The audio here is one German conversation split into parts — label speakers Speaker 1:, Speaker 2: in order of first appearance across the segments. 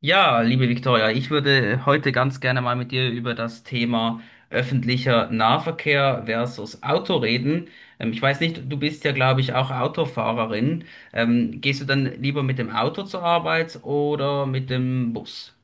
Speaker 1: Ja, liebe Viktoria, ich würde heute ganz gerne mal mit dir über das Thema öffentlicher Nahverkehr versus Auto reden. Ich weiß nicht, du bist ja, glaube ich, auch Autofahrerin. Gehst du dann lieber mit dem Auto zur Arbeit oder mit dem Bus?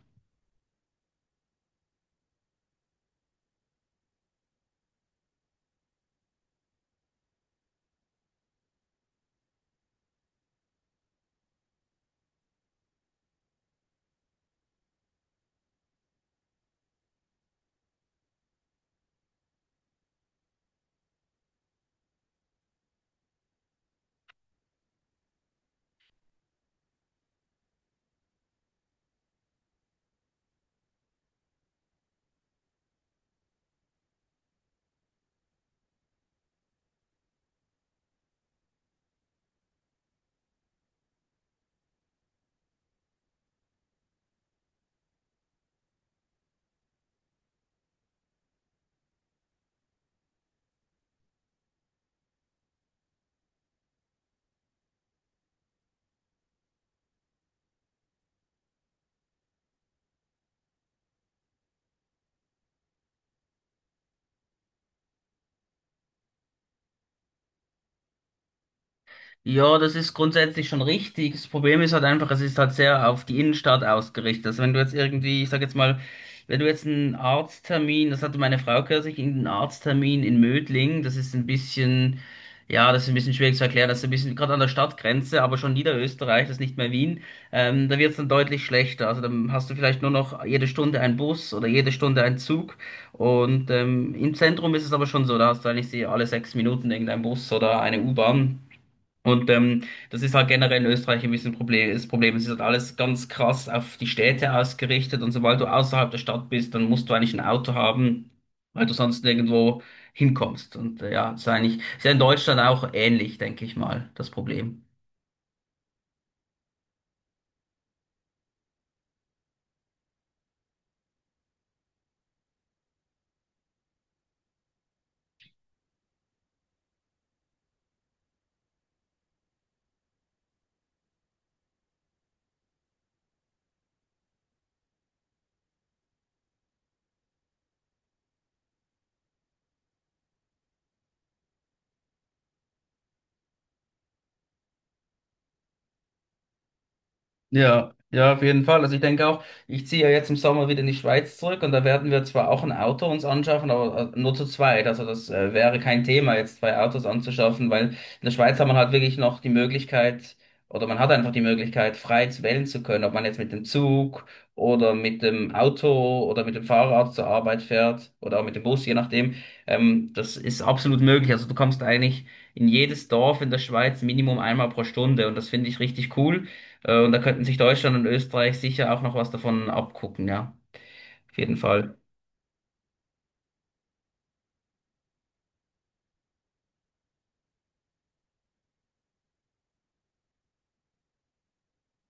Speaker 1: Ja, das ist grundsätzlich schon richtig. Das Problem ist halt einfach, es ist halt sehr auf die Innenstadt ausgerichtet. Also wenn du jetzt irgendwie, ich sag jetzt mal, wenn du jetzt einen Arzttermin, das hatte meine Frau kürzlich, einen Arzttermin in Mödling, das ist ein bisschen, ja, das ist ein bisschen schwierig zu erklären, das ist ein bisschen gerade an der Stadtgrenze, aber schon Niederösterreich, das ist nicht mehr Wien, da wird's dann deutlich schlechter. Also dann hast du vielleicht nur noch jede Stunde einen Bus oder jede Stunde einen Zug. Und im Zentrum ist es aber schon so, da hast du eigentlich alle sechs Minuten irgendeinen Bus oder eine U-Bahn. Und das ist halt generell in Österreich ein bisschen Problem, das Problem. Es ist halt alles ganz krass auf die Städte ausgerichtet. Und sobald du außerhalb der Stadt bist, dann musst du eigentlich ein Auto haben, weil du sonst nirgendwo hinkommst. Und ja, das ist eigentlich, ist ja in Deutschland auch ähnlich, denke ich mal, das Problem. Ja, ja, auf jeden Fall. Also ich denke auch, ich ziehe ja jetzt im Sommer wieder in die Schweiz zurück und da werden wir zwar auch ein Auto uns anschaffen, aber nur zu zweit. Also das wäre kein Thema, jetzt zwei Autos anzuschaffen, weil in der Schweiz hat man halt wirklich noch die Möglichkeit oder man hat einfach die Möglichkeit, frei zu wählen zu können, ob man jetzt mit dem Zug oder mit dem Auto oder mit dem Fahrrad zur Arbeit fährt oder auch mit dem Bus, je nachdem. Das ist absolut möglich. Also du kommst eigentlich in jedes Dorf in der Schweiz Minimum einmal pro Stunde und das finde ich richtig cool. Und da könnten sich Deutschland und Österreich sicher auch noch was davon abgucken, ja. Auf jeden Fall.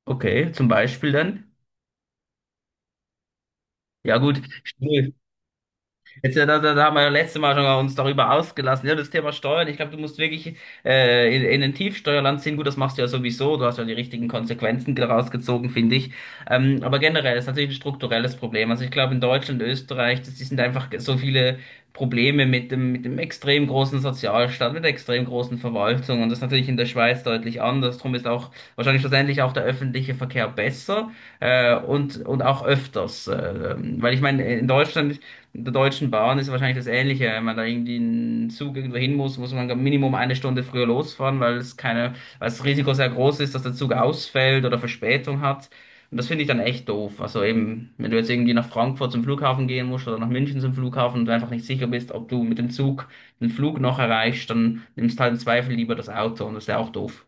Speaker 1: Okay, zum Beispiel dann. Ja gut, jetzt, da haben wir ja letztes Mal schon uns darüber ausgelassen. Ja, das Thema Steuern. Ich glaube, du musst wirklich in ein Tiefsteuerland ziehen. Gut, das machst du ja sowieso. Du hast ja die richtigen Konsequenzen daraus gezogen, finde ich. Aber generell ist natürlich ein strukturelles Problem. Also ich glaube, in Deutschland, Österreich, das, die sind einfach so viele Probleme mit dem extrem großen Sozialstaat, mit der extrem großen Verwaltung. Und das ist natürlich in der Schweiz deutlich anders. Drum ist auch wahrscheinlich schlussendlich auch der öffentliche Verkehr besser und auch öfters. Weil ich meine, in Deutschland der Deutschen Bahn ist wahrscheinlich das Ähnliche. Wenn man da irgendwie einen Zug irgendwo hin muss, muss man Minimum eine Stunde früher losfahren, weil es keine, weil das Risiko sehr groß ist, dass der Zug ausfällt oder Verspätung hat. Und das finde ich dann echt doof. Also eben, wenn du jetzt irgendwie nach Frankfurt zum Flughafen gehen musst oder nach München zum Flughafen und du einfach nicht sicher bist, ob du mit dem Zug den Flug noch erreichst, dann nimmst halt im Zweifel lieber das Auto und das ist ja auch doof.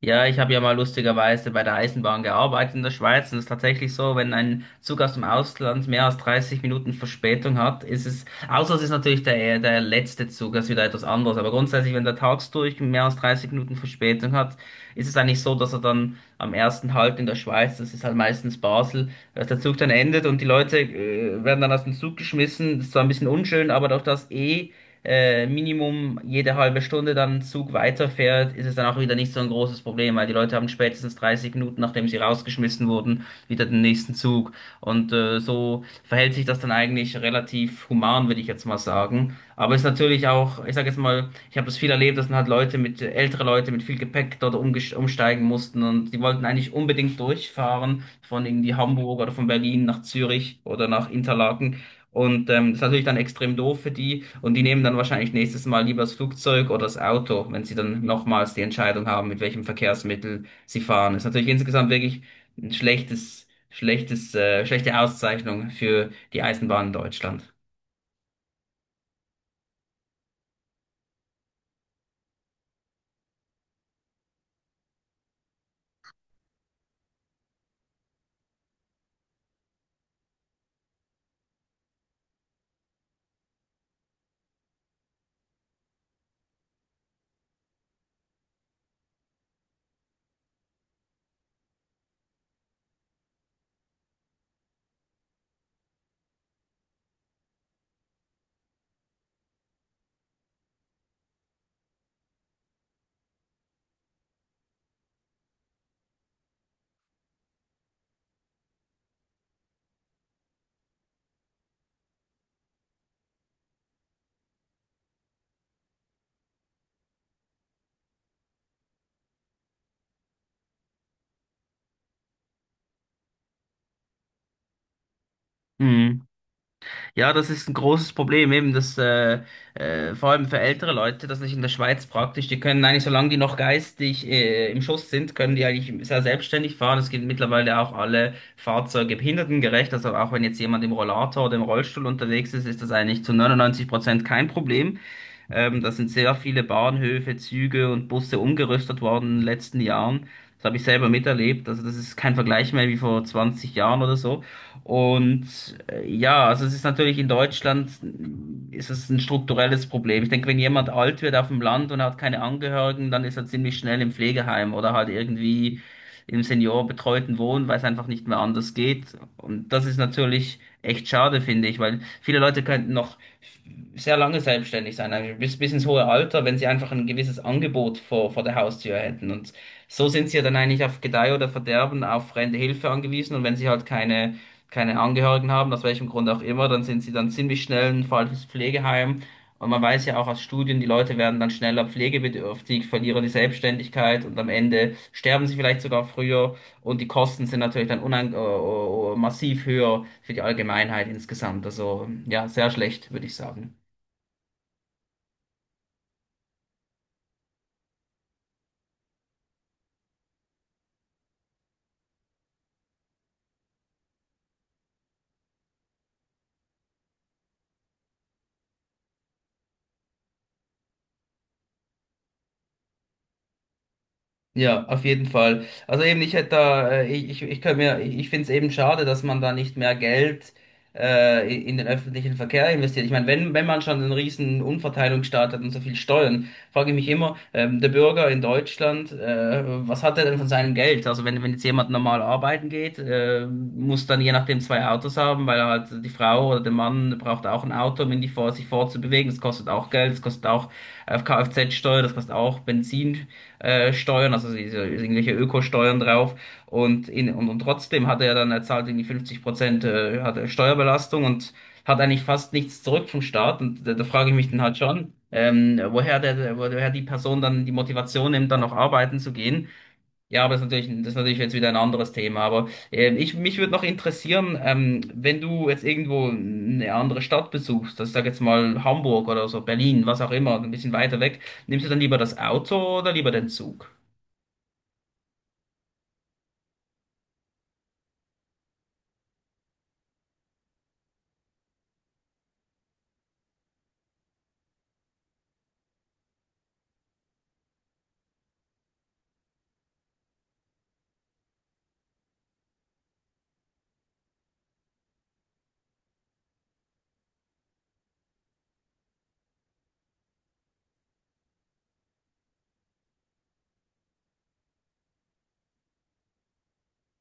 Speaker 1: Ja, ich habe ja mal lustigerweise bei der Eisenbahn gearbeitet in der Schweiz und es ist tatsächlich so, wenn ein Zug aus dem Ausland mehr als 30 Minuten Verspätung hat, ist es, außer es ist natürlich der, der letzte Zug, das ist wieder etwas anderes, aber grundsätzlich, wenn der tags durch mehr als 30 Minuten Verspätung hat, ist es eigentlich so, dass er dann am ersten Halt in der Schweiz, das ist halt meistens Basel, dass der Zug dann endet und die Leute werden dann aus dem Zug geschmissen, das ist zwar ein bisschen unschön, aber durch das eh Minimum jede halbe Stunde dann ein Zug weiterfährt, ist es dann auch wieder nicht so ein großes Problem, weil die Leute haben spätestens 30 Minuten, nachdem sie rausgeschmissen wurden, wieder den nächsten Zug. Und so verhält sich das dann eigentlich relativ human, würde ich jetzt mal sagen. Aber es ist natürlich auch, ich sage jetzt mal, ich habe das viel erlebt, dass dann halt Leute mit, ältere Leute mit viel Gepäck dort umsteigen mussten und die wollten eigentlich unbedingt durchfahren von irgendwie Hamburg oder von Berlin nach Zürich oder nach Interlaken. Und das ist natürlich dann extrem doof für die. Und die nehmen dann wahrscheinlich nächstes Mal lieber das Flugzeug oder das Auto, wenn sie dann nochmals die Entscheidung haben, mit welchem Verkehrsmittel sie fahren. Das ist natürlich insgesamt wirklich ein schlechte Auszeichnung für die Eisenbahn in Deutschland. Mhm. Ja, das ist ein großes Problem, eben das vor allem für ältere Leute, das ist in der Schweiz praktisch. Die können eigentlich, solange die noch geistig im Schuss sind, können die eigentlich sehr selbstständig fahren. Es gibt mittlerweile auch alle Fahrzeuge behindertengerecht. Also auch wenn jetzt jemand im Rollator oder im Rollstuhl unterwegs ist, ist das eigentlich zu 99% kein Problem. Da sind sehr viele Bahnhöfe, Züge und Busse umgerüstet worden in den letzten Jahren. Das habe ich selber miterlebt. Also das ist kein Vergleich mehr wie vor 20 Jahren oder so. Und ja, also es ist natürlich in Deutschland ist es ein strukturelles Problem. Ich denke, wenn jemand alt wird auf dem Land und hat keine Angehörigen, dann ist er ziemlich schnell im Pflegeheim oder halt irgendwie im seniorenbetreuten Wohnen, weil es einfach nicht mehr anders geht. Und das ist natürlich echt schade, finde ich, weil viele Leute könnten noch sehr lange selbstständig sein, eigentlich bis ins hohe Alter, wenn sie einfach ein gewisses Angebot vor der Haustür hätten. Und so sind sie ja dann eigentlich auf Gedeih oder Verderben auf fremde Hilfe angewiesen. Und wenn sie halt keine Angehörigen haben, aus welchem Grund auch immer, dann sind sie dann ziemlich schnell ein falsches Pflegeheim. Und man weiß ja auch aus Studien, die Leute werden dann schneller pflegebedürftig, verlieren die Selbstständigkeit und am Ende sterben sie vielleicht sogar früher. Und die Kosten sind natürlich dann unang massiv höher für die Allgemeinheit insgesamt. Also ja, sehr schlecht, würde ich sagen. Ja, auf jeden Fall. Also eben, ich hätte da, ich kann mir, ich finde es eben schade, dass man da nicht mehr Geld in den öffentlichen Verkehr investiert. Ich meine, wenn man schon einen riesen Umverteilungsstaat hat und so viel Steuern, frage ich mich immer, der Bürger in Deutschland, was hat er denn von seinem Geld? Also wenn jetzt jemand normal arbeiten geht, muss dann je nachdem zwei Autos haben, weil halt die Frau oder der Mann braucht auch ein Auto, um ihn die sich fortzubewegen. Das kostet auch Geld, das kostet auch Kfz-Steuer, das kostet auch Benzin Steuern, also diese, irgendwelche Ökosteuern drauf. Und, und trotzdem hat er dann, er zahlt irgendwie 50% hat er Steuerbelastung und hat eigentlich fast nichts zurück vom Staat. Und da frage ich mich dann halt schon, woher die Person dann die Motivation nimmt, dann noch arbeiten zu gehen. Ja, aber das ist natürlich jetzt wieder ein anderes Thema. Aber mich würde noch interessieren, wenn du jetzt irgendwo eine andere Stadt besuchst, das sag jetzt mal Hamburg oder so, Berlin, was auch immer, ein bisschen weiter weg, nimmst du dann lieber das Auto oder lieber den Zug?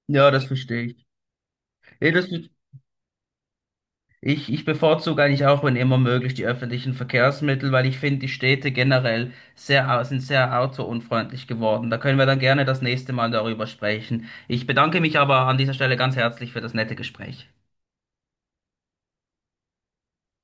Speaker 1: Ja, das verstehe ich. Ja, das, Ich bevorzuge eigentlich auch, wenn immer möglich, die öffentlichen Verkehrsmittel, weil ich finde, die Städte generell sehr, sind sehr autounfreundlich geworden. Da können wir dann gerne das nächste Mal darüber sprechen. Ich bedanke mich aber an dieser Stelle ganz herzlich für das nette Gespräch.